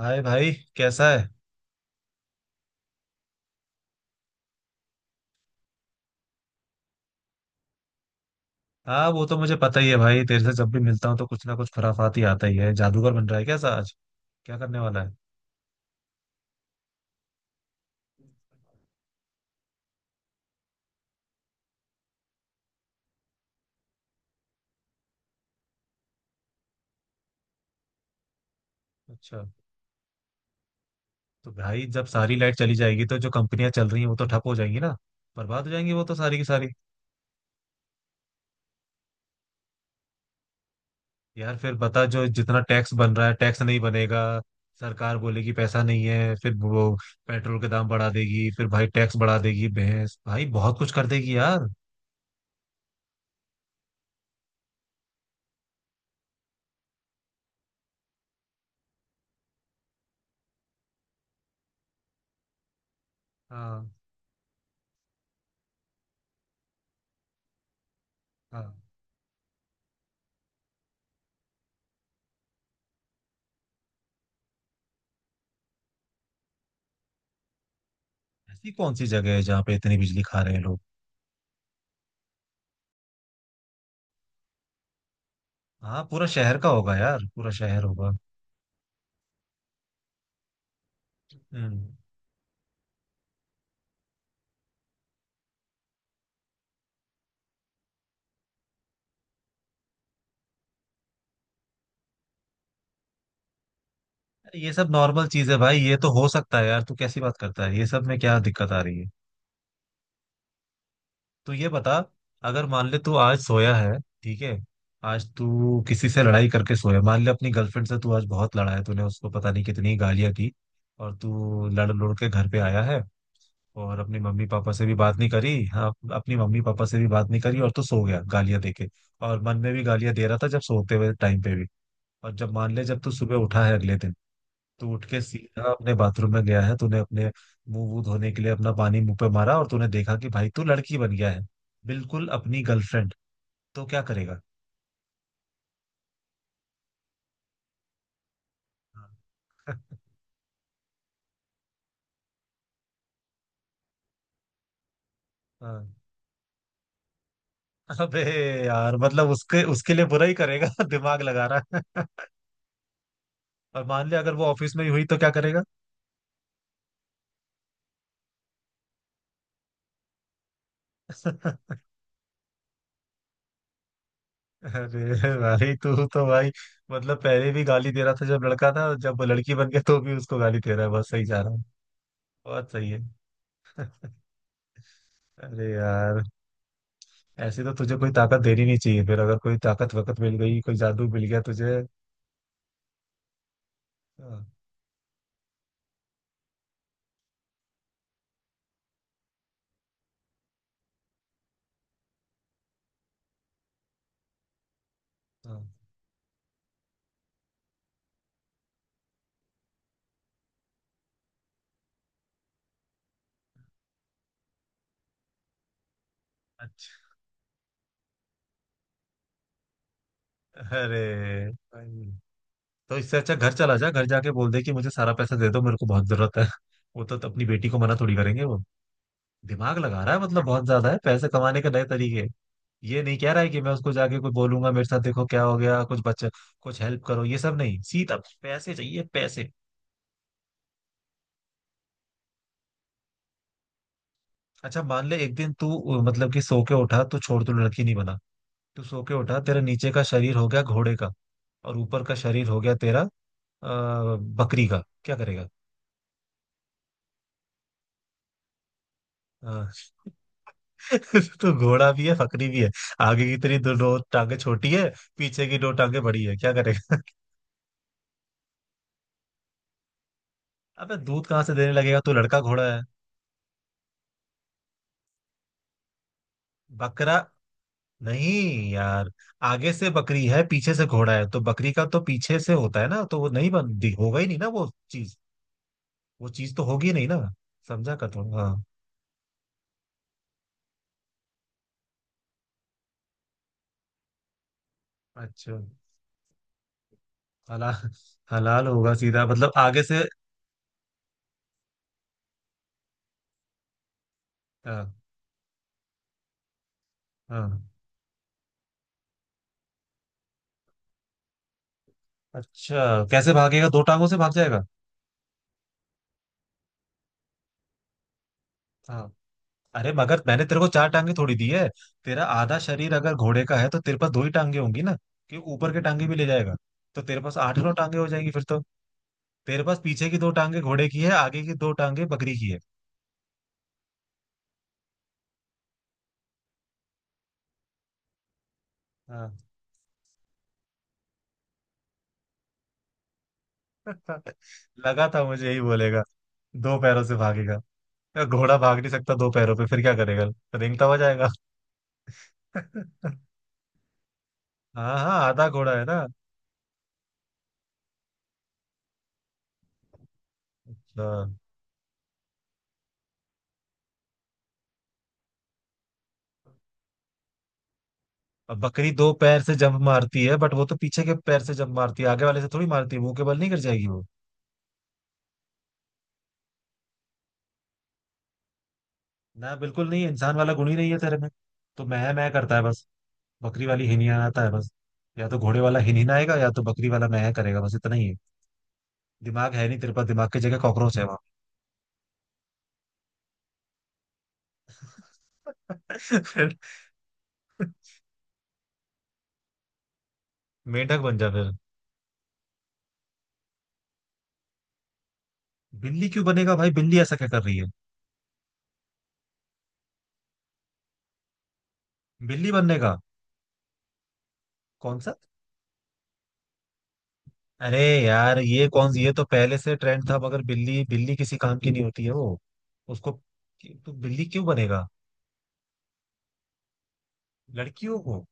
हाय भाई। कैसा है? हाँ वो तो मुझे पता ही है भाई, तेरे से जब भी मिलता हूँ तो कुछ ना कुछ खुराफात ही आता ही है। जादूगर बन रहा है कैसा आज? क्या करने वाला है? अच्छा। तो भाई जब सारी लाइट चली जाएगी तो जो कंपनियां चल रही हैं वो तो ठप हो जाएंगी ना। बर्बाद हो जाएंगी वो तो सारी की सारी। यार फिर बता, जो जितना टैक्स बन रहा है टैक्स नहीं बनेगा। सरकार बोलेगी पैसा नहीं है, फिर वो पेट्रोल के दाम बढ़ा देगी, फिर भाई टैक्स बढ़ा देगी, भैंस भाई बहुत कुछ कर देगी यार। हाँ, हाँ। ऐसी कौन सी जगह है जहाँ पे इतनी बिजली खा रहे हैं लोग? हाँ पूरा शहर का होगा यार, पूरा शहर होगा। हम्म। ये सब नॉर्मल चीज है भाई, ये तो हो सकता है यार। तू कैसी बात करता है, ये सब में क्या दिक्कत आ रही है? तू ये बता, अगर मान ले तू आज सोया है, ठीक है। आज तू किसी से लड़ाई करके सोया, मान ले अपनी गर्लफ्रेंड से तू आज बहुत लड़ा है, तूने उसको पता नहीं कितनी गालियां दी। और तू लड़ लड़ के घर पे आया है। और अपनी मम्मी पापा से भी बात नहीं करी, हाँ अपनी मम्मी पापा से भी बात नहीं करी, और तू सो गया गालियां दे के। और मन में भी गालियां दे रहा था जब सोते हुए टाइम पे भी। और जब मान ले जब तू सुबह उठा है अगले दिन, तू उठ के सीधा अपने बाथरूम में गया है, तूने अपने मुंह वूह धोने के लिए अपना पानी मुंह पे मारा, और तूने देखा कि भाई तू लड़की बन गया है। बिल्कुल अपनी गर्लफ्रेंड। तो क्या करेगा? हाँ। हाँ। अबे! यार मतलब उसके उसके लिए बुरा ही करेगा। दिमाग लगा रहा है। और मान ले अगर वो ऑफिस में ही हुई तो क्या करेगा? अरे भाई तू तो भाई, मतलब पहले भी गाली दे रहा था जब लड़का था, जब वो लड़की बन गया तो भी उसको गाली दे रहा है, बस सही जा रहा हूँ। बहुत सही है। अरे यार, ऐसे तो तुझे कोई ताकत देनी नहीं चाहिए। फिर अगर कोई ताकत वकत मिल गई, कोई जादू मिल गया तुझे। हाँ, हाँ, अच्छा। अरे भाई तो इससे अच्छा घर चला जा, घर जाके बोल दे कि मुझे सारा पैसा दे दो, मेरे को बहुत जरूरत है। वो तो अपनी बेटी को मना थोड़ी करेंगे वो। दिमाग लगा रहा है मतलब बहुत ज्यादा है, पैसे कमाने के नए तरीके। ये नहीं कह रहा है कि मैं उसको जाके कोई बोलूंगा मेरे साथ देखो क्या हो गया, कुछ बच्चे कुछ हेल्प करो, ये सब नहीं, सीधा पैसे चाहिए पैसे। अच्छा मान ले एक दिन तू, मतलब कि सो के उठा, तू छोड़, तू लड़की नहीं बना। तू सो के उठा, तेरा नीचे का शरीर हो गया घोड़े का, और ऊपर का शरीर हो गया तेरा, बकरी का। क्या करेगा? अ, तो घोड़ा भी है बकरी भी है। आगे की तेरी दो, दो टांगे छोटी है, पीछे की दो टांगे बड़ी है, क्या करेगा? अबे दूध कहाँ से देने लगेगा तू? लड़का घोड़ा है, बकरा। नहीं यार, आगे से बकरी है पीछे से घोड़ा है, तो बकरी का तो पीछे से होता है ना, तो वो नहीं बनती, होगा ही नहीं ना वो चीज। वो चीज तो होगी नहीं ना। समझा कर थोड़ा, हाँ। अच्छा, हलाल। हलाल होगा सीधा, मतलब आगे से। हाँ। हाँ। अच्छा कैसे भागेगा, दो टांगों से भाग जाएगा? हाँ। अरे मगर मैंने तेरे को चार टांगे थोड़ी दी है। तेरा आधा शरीर अगर घोड़े का है तो तेरे पास दो ही टांगे होंगी ना। कि ऊपर के टांगे भी ले जाएगा? तो तेरे पास 8-9 टांगे हो जाएंगी फिर तो। तेरे पास पीछे की दो टांगे घोड़े की है, आगे की दो टांगे बकरी की है। हाँ। लगा था मुझे यही बोलेगा, दो पैरों से भागेगा। घोड़ा भाग नहीं सकता दो पैरों पे, फिर क्या करेगा? रेंगता हुआ जाएगा? हाँ हाँ, आधा घोड़ा है ना। अच्छा, अब बकरी दो पैर से जंप मारती है, बट वो तो पीछे के पैर से जंप मारती है, आगे वाले से थोड़ी मारती है, मुंह के बल नहीं कर जाएगी वो? ना, बिल्कुल नहीं। इंसान वाला गुण ही नहीं है तेरे में, तो मैं करता है बस, बकरी वाली हिनिहानाता है बस। या तो घोड़े वाला हिनहिनाएगा या तो बकरी वाला मैं करेगा, बस इतना ही है। दिमाग है नहीं तेरे पास, दिमाग की जगह कॉकरोच है वहां। फिर? मेंढक बन जा फिर। बिल्ली क्यों बनेगा भाई, बिल्ली ऐसा क्या कर रही है? बिल्ली बनने का? कौन सा? अरे यार ये कौन सी, ये तो पहले से ट्रेंड था मगर। बिल्ली, बिल्ली किसी काम की नहीं होती है वो। उसको, तो बिल्ली क्यों बनेगा? लड़कियों को?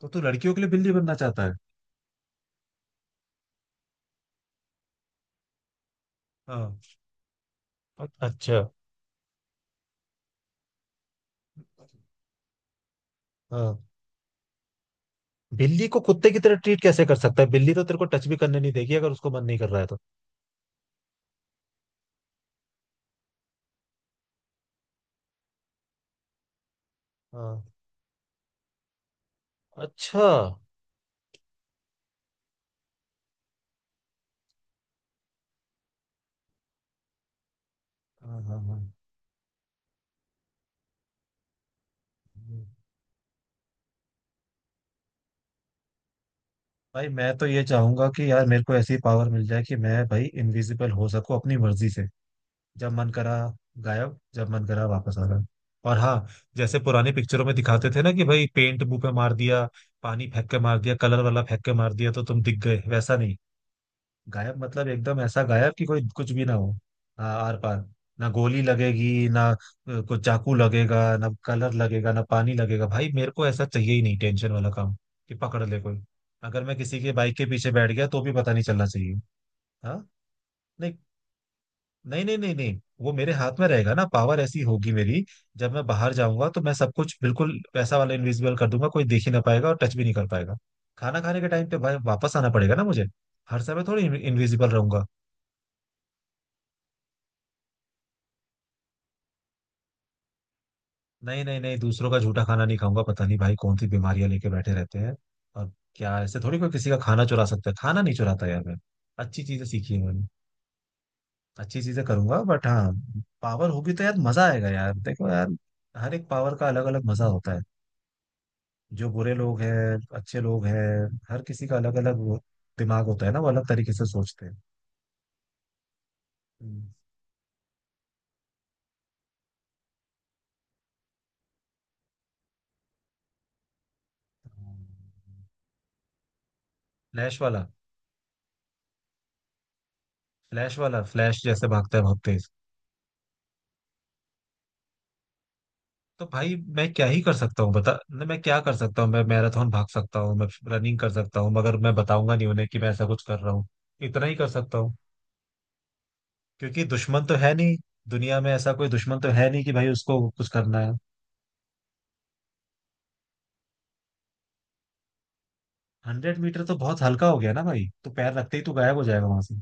तो तू लड़कियों के लिए बिल्ली बनना चाहता है? हाँ। अच्छा, हाँ। बिल्ली को कुत्ते की तरह ट्रीट कैसे कर सकता है, बिल्ली तो तेरे को टच भी करने नहीं देगी अगर उसको मन नहीं कर रहा है तो। हाँ, अच्छा। हाँ हाँ हाँ। भाई मैं तो ये चाहूंगा कि यार मेरे को ऐसी पावर मिल जाए कि मैं भाई इनविजिबल हो सकूं अपनी मर्जी से। जब मन करा गायब, जब मन करा वापस आ गए। और हाँ, जैसे पुरानी पिक्चरों में दिखाते थे ना कि भाई पेंट मुंह पे मार दिया, पानी फेंक के मार दिया, कलर वाला फेंक के मार दिया तो तुम दिख गए, वैसा नहीं। गायब मतलब एकदम ऐसा गायब कि कोई कुछ भी ना हो। हाँ, आर पार। ना गोली लगेगी, ना कुछ चाकू लगेगा, ना कलर लगेगा, ना पानी लगेगा। भाई मेरे को ऐसा चाहिए ही नहीं टेंशन वाला काम, कि पकड़ ले कोई। अगर मैं किसी के बाइक के पीछे बैठ गया तो भी पता नहीं चलना चाहिए। हाँ। नहीं नहीं नहीं नहीं नहीं, वो मेरे हाथ में रहेगा ना, पावर ऐसी होगी मेरी। जब मैं बाहर जाऊंगा तो मैं सब कुछ बिल्कुल पैसा वाला इनविजिबल कर दूंगा, कोई देख ही ना पाएगा और टच भी नहीं कर पाएगा। खाना खाने के टाइम पे भाई वापस आना पड़ेगा ना मुझे। हर समय थोड़ी इनविजिबल रहूंगा। नहीं नहीं नहीं, दूसरों का झूठा खाना नहीं खाऊंगा, पता नहीं भाई कौन सी बीमारियां लेके बैठे रहते हैं। और क्या ऐसे थोड़ी कोई किसी का खाना चुरा सकता है, खाना नहीं चुराता यार मैं। अच्छी चीजें सीखी है मैंने, अच्छी चीजें करूंगा। बट हाँ, पावर होगी तो यार मजा आएगा यार। देखो यार, हर एक पावर का अलग अलग मजा होता है। जो बुरे लोग हैं, अच्छे लोग हैं, हर किसी का अलग अलग दिमाग होता है ना, वो अलग तरीके से सोचते हैं। हम्म। फ्लैश वाला। फ्लैश वाला, फ्लैश जैसे भागता है बहुत तेज। तो भाई मैं क्या ही कर सकता हूँ, बता न, मैं क्या कर सकता हूँ? मैं मैराथन भाग सकता हूँ, मैं रनिंग कर सकता हूँ, मगर मैं बताऊंगा नहीं उन्हें कि मैं ऐसा कुछ कर रहा हूँ। इतना ही कर सकता हूँ। क्योंकि दुश्मन तो है नहीं, दुनिया में ऐसा कोई दुश्मन तो है नहीं कि भाई उसको कुछ करना है। 100 मीटर तो बहुत हल्का हो गया ना भाई, तो पैर रखते ही तो गायब हो जाएगा वहां से।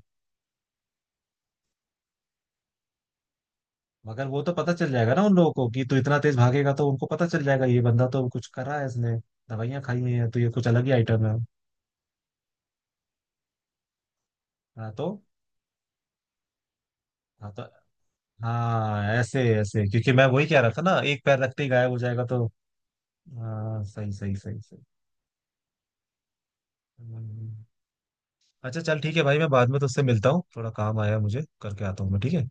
मगर वो तो पता चल जाएगा ना उन लोगों को कि तू इतना तेज भागेगा, तो उनको पता चल जाएगा ये बंदा तो कुछ करा है इसने, दवाइयां खाई हुई हैं, तो ये कुछ अलग ही आइटम है। हाँ तो, हाँ तो, हाँ ऐसे ऐसे, क्योंकि मैं वही कह रहा था ना, एक पैर रखते ही गायब हो जाएगा तो। हाँ सही सही सही सही। हम्म। अच्छा चल ठीक है भाई, मैं बाद में तुझसे मिलता हूँ, थोड़ा काम आया है मुझे, करके आता हूँ मैं, ठीक है।